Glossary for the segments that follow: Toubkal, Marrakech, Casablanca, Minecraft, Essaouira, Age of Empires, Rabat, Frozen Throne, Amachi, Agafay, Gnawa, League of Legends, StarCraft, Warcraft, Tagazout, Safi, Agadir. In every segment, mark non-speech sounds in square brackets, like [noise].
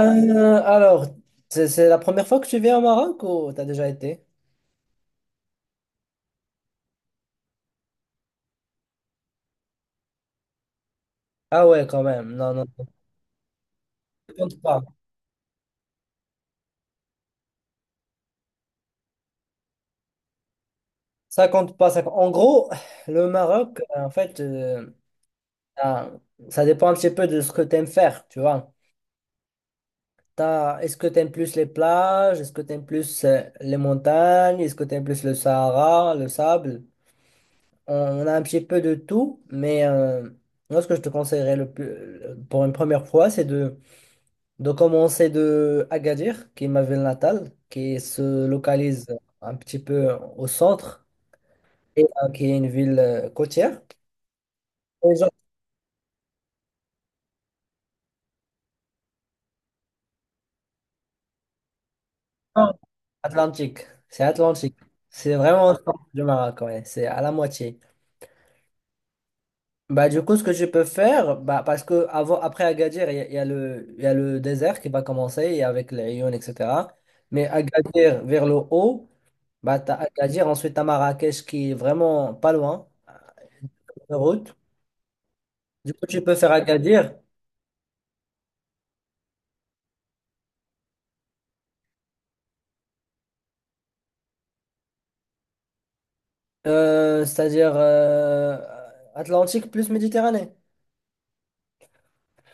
Alors, c'est la première fois que tu viens au Maroc ou t'as déjà été? Ah ouais, quand même. Non, non, non. Ça compte pas. Ça compte pas. En gros, le Maroc, en fait, ah, ça dépend un petit peu de ce que t'aimes faire, tu vois. Est-ce que t'aimes plus les plages? Est-ce que t'aimes plus les montagnes? Est-ce que t'aimes plus le Sahara, le sable? On a un petit peu de tout, mais moi, ce que je te conseillerais le plus, pour une première fois, c'est de commencer de Agadir, qui est ma ville natale, qui se localise un petit peu au centre et qui est une ville côtière. Et j'entends Atlantique, Atlantique. C'est vraiment au centre du Maroc, ouais, c'est à la moitié. Bah, du coup, ce que je peux faire, bah, parce que avant, après Agadir, il y a le désert qui va commencer et avec les Aïounes, etc. Mais Agadir vers le haut, bah, t'as Agadir, ensuite t'as Marrakech qui est vraiment pas loin, de route. Du coup, tu peux faire Agadir, c'est-à-dire Atlantique plus Méditerranée.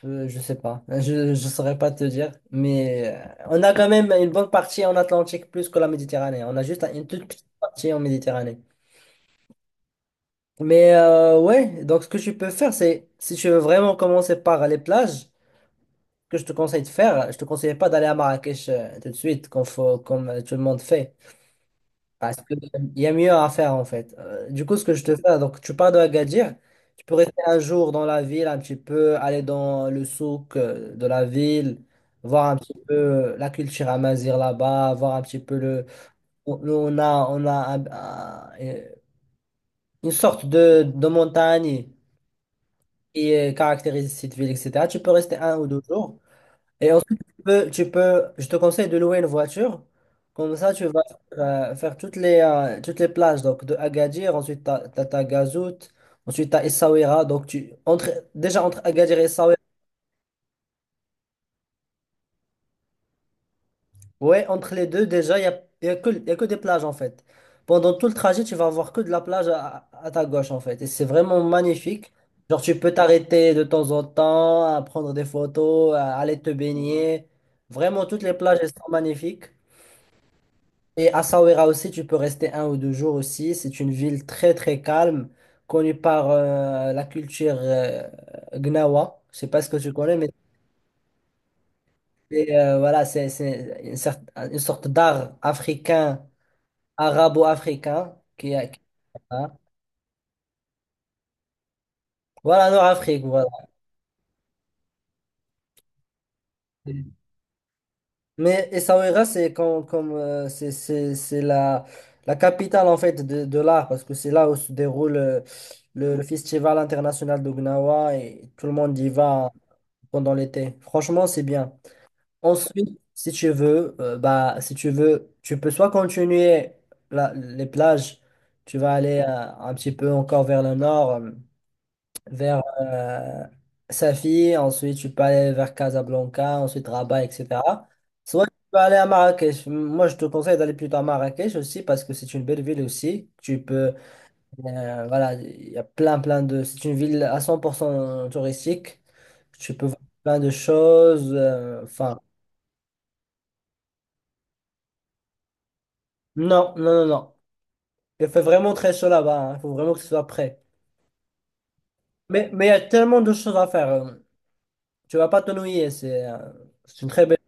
Je sais pas, je ne saurais pas te dire, mais on a quand même une bonne partie en Atlantique plus que la Méditerranée. On a juste une toute petite partie en Méditerranée. Mais ouais, donc ce que tu peux faire, c'est si tu veux vraiment commencer par les plages, ce que je te conseille de faire, je te conseille pas d'aller à Marrakech tout de suite, comme, faut, comme tout le monde fait. Parce qu'il y a mieux à faire en fait. Du coup, ce que je te fais, donc tu pars de Agadir, tu peux rester un jour dans la ville, un petit peu, aller dans le souk de la ville, voir un petit peu la culture amazigh là-bas, voir un petit peu le. Nous, on a une sorte de montagne qui caractérise cette ville, etc. Tu peux rester un ou deux jours. Et ensuite, je te conseille de louer une voiture. Comme ça, tu vas faire toutes les plages. Donc, de Agadir, ensuite, tu as, Tagazout, ensuite, tu as Essaouira. Donc, entre Agadir et Essaouira, ouais, entre les deux, déjà, y a que des plages, en fait. Pendant tout le trajet, tu vas avoir que de la plage à ta gauche, en fait. Et c'est vraiment magnifique. Genre, tu peux t'arrêter de temps en temps, à prendre des photos, à aller te baigner. Vraiment, toutes les plages, elles sont magnifiques. Et Essaouira aussi, tu peux rester un ou deux jours aussi. C'est une ville très très calme, connue par la culture Gnawa. Je sais pas ce que tu connais, mais voilà, c'est une sorte d'art africain, arabo-africain, hein. Voilà, Nord-Afrique, voilà. Mais Essaouira, c'est comme, comme c'est la capitale en fait de l'art parce que c'est là où se déroule le festival international de Gnawa et tout le monde y va pendant l'été. Franchement, c'est bien. Ensuite, si tu veux, tu peux soit continuer les plages, tu vas aller un petit peu encore vers le nord, vers Safi, ensuite tu peux aller vers Casablanca, ensuite Rabat, etc. Soit tu peux aller à Marrakech. Moi, je te conseille d'aller plutôt à Marrakech aussi parce que c'est une belle ville aussi. Tu peux voilà, il y a plein, plein de. C'est une ville à 100% touristique. Tu peux voir plein de choses. Enfin, non, non, non, non. Il fait vraiment très chaud là-bas, hein. Il faut vraiment que tu sois prêt. Mais, il y a tellement de choses à faire. Tu vas pas t'ennuyer. C'est une très belle.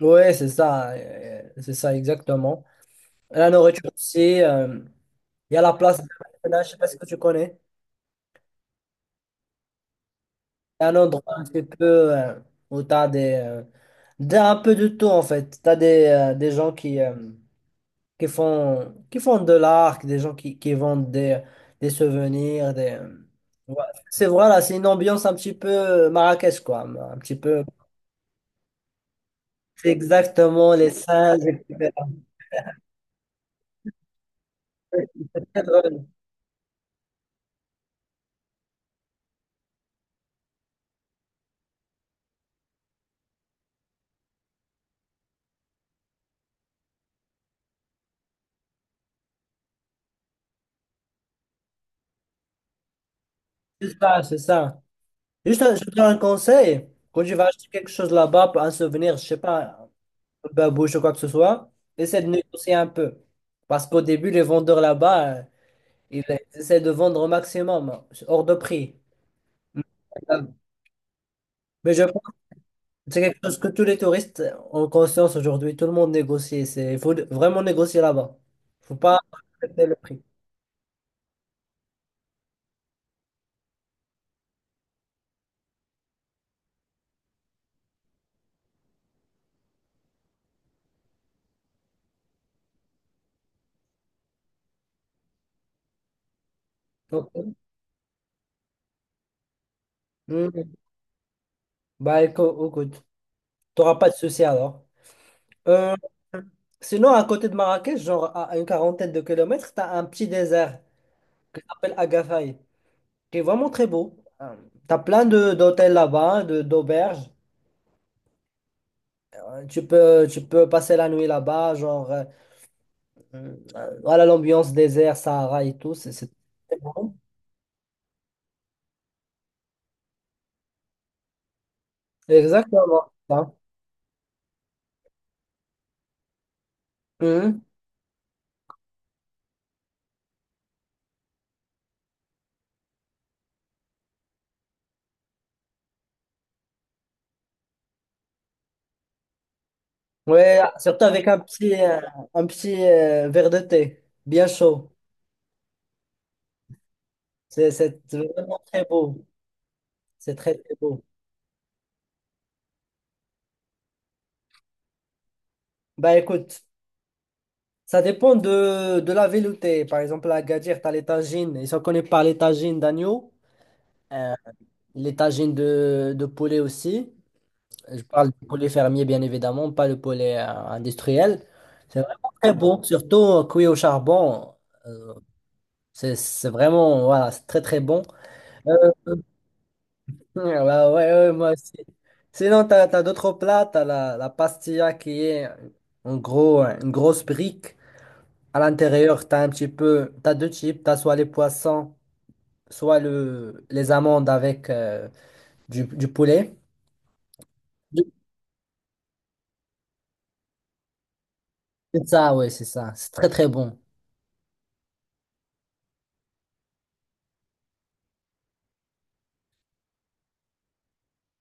Ouais, c'est ça. C'est ça, exactement. La nourriture aussi. Il y a la place la Marina. Je sais pas si que tu connais. C'est un endroit un petit peu euh, où tu as des, un peu de tout en fait. Tu as des gens qui, qui font de l'art, des gens qui vendent des souvenirs. Des, voilà. C'est une ambiance un petit peu Marrakech quoi. Un petit peu. C'est exactement les singes, etc. Très drôle. C'est ça, c'est ça. Juste, je te donne un conseil. Quand tu vas acheter quelque chose là-bas, un souvenir, je sais pas, babouche ou quoi que ce soit, essaie de négocier un peu. Parce qu'au début, les vendeurs là-bas, ils essaient de vendre au maximum, hein, hors de prix. Mais euh, mais je pense que c'est quelque chose que tous les touristes ont conscience aujourd'hui. Tout le monde négocie. Il faut vraiment négocier là-bas. Faut pas accepter le prix. Ok. Mhm. Bah écoute, t'auras pas de souci alors. Euh, Sinon, à côté de Marrakech, genre à une quarantaine de kilomètres, t'as un petit désert qui s'appelle Agafay. C'est vraiment très beau. Tu as plein de d'hôtels là-bas, hein, de d'auberges. Tu peux passer la nuit là-bas, genre, voilà l'ambiance désert, Sahara et tout, c'est très bon. Exactement ça. Mhm. Ouais, surtout avec un petit verre de thé, bien chaud. C'est vraiment très beau. C'est très, très beau. Bah écoute, ça dépend de la ville où t'es. Par exemple, à Agadir, t'as les tagines. Ils sont connus par les tagines d'agneau. euh, Les tagines de poulet aussi. Je parle du poulet fermier, bien évidemment, pas le poulet industriel. C'est vraiment très bon, surtout cuit au charbon. Euh, c'est vraiment, voilà, c'est très très bon. Euh, ouais, bah ouais, ouais, moi aussi. Sinon, tu as, d'autres plats. Tu as la pastilla qui est en gros une grosse brique. À l'intérieur, tu as un petit peu, tu as deux types. Tu as soit les poissons, soit les amandes avec du poulet. C'est ça, oui, c'est ça. C'est très, très bon.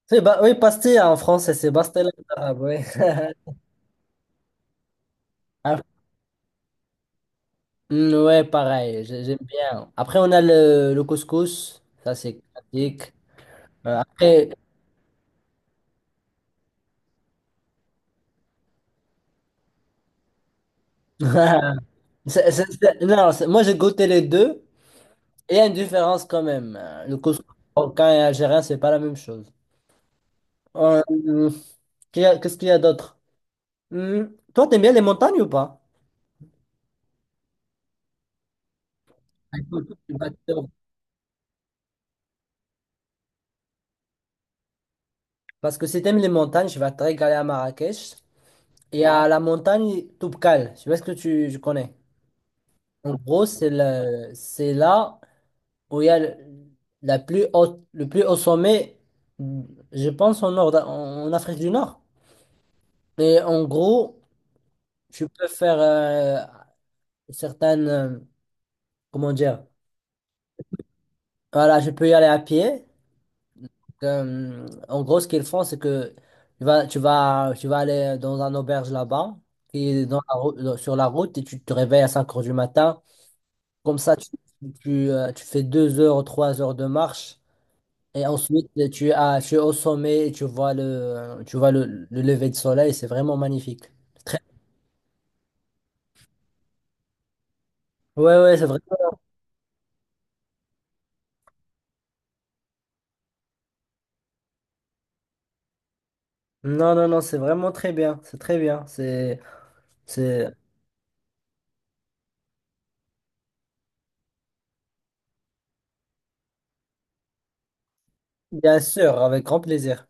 Oui, pastille en français, c'est pastilla en arabe, oui. [laughs] Ah, mm, ouais, pareil, j'aime bien. Après, on a le couscous. Ça, c'est classique. Après, [laughs] non, moi, j'ai goûté les deux. Et il y a une différence quand même. Le couscous marocain et algérien, c'est pas la même chose. Euh, Qu'est-ce qu'il y a d'autre? Hmm, toi, t'aimes bien les montagnes ou pas? Écoute, Parce que si t'aimes les montagnes, je vais te régaler à Marrakech. Il y a la montagne Toubkal. Je sais pas ce que je connais. En gros, c'est là où il y a le plus haut sommet, je pense, en Afrique du Nord. Et en gros, tu peux faire certaines. Comment dire? Voilà, je peux y aller à pied. En gros, ce qu'ils font, c'est que tu vas aller dans un auberge là-bas, qui est dans la rou- dans- sur la route, et tu te réveilles à 5 heures du matin. Comme ça, tu fais 2 heures, 3 heures de marche. Et ensuite, tu es au sommet et tu vois le lever de soleil. C'est vraiment magnifique. Très- Ouais, ouais, c'est vrai. Non, non, non, c'est vraiment très bien. C'est très bien. C'est. Bien sûr, avec grand plaisir.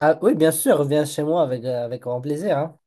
Ah oui, bien sûr, viens chez moi avec grand plaisir, hein.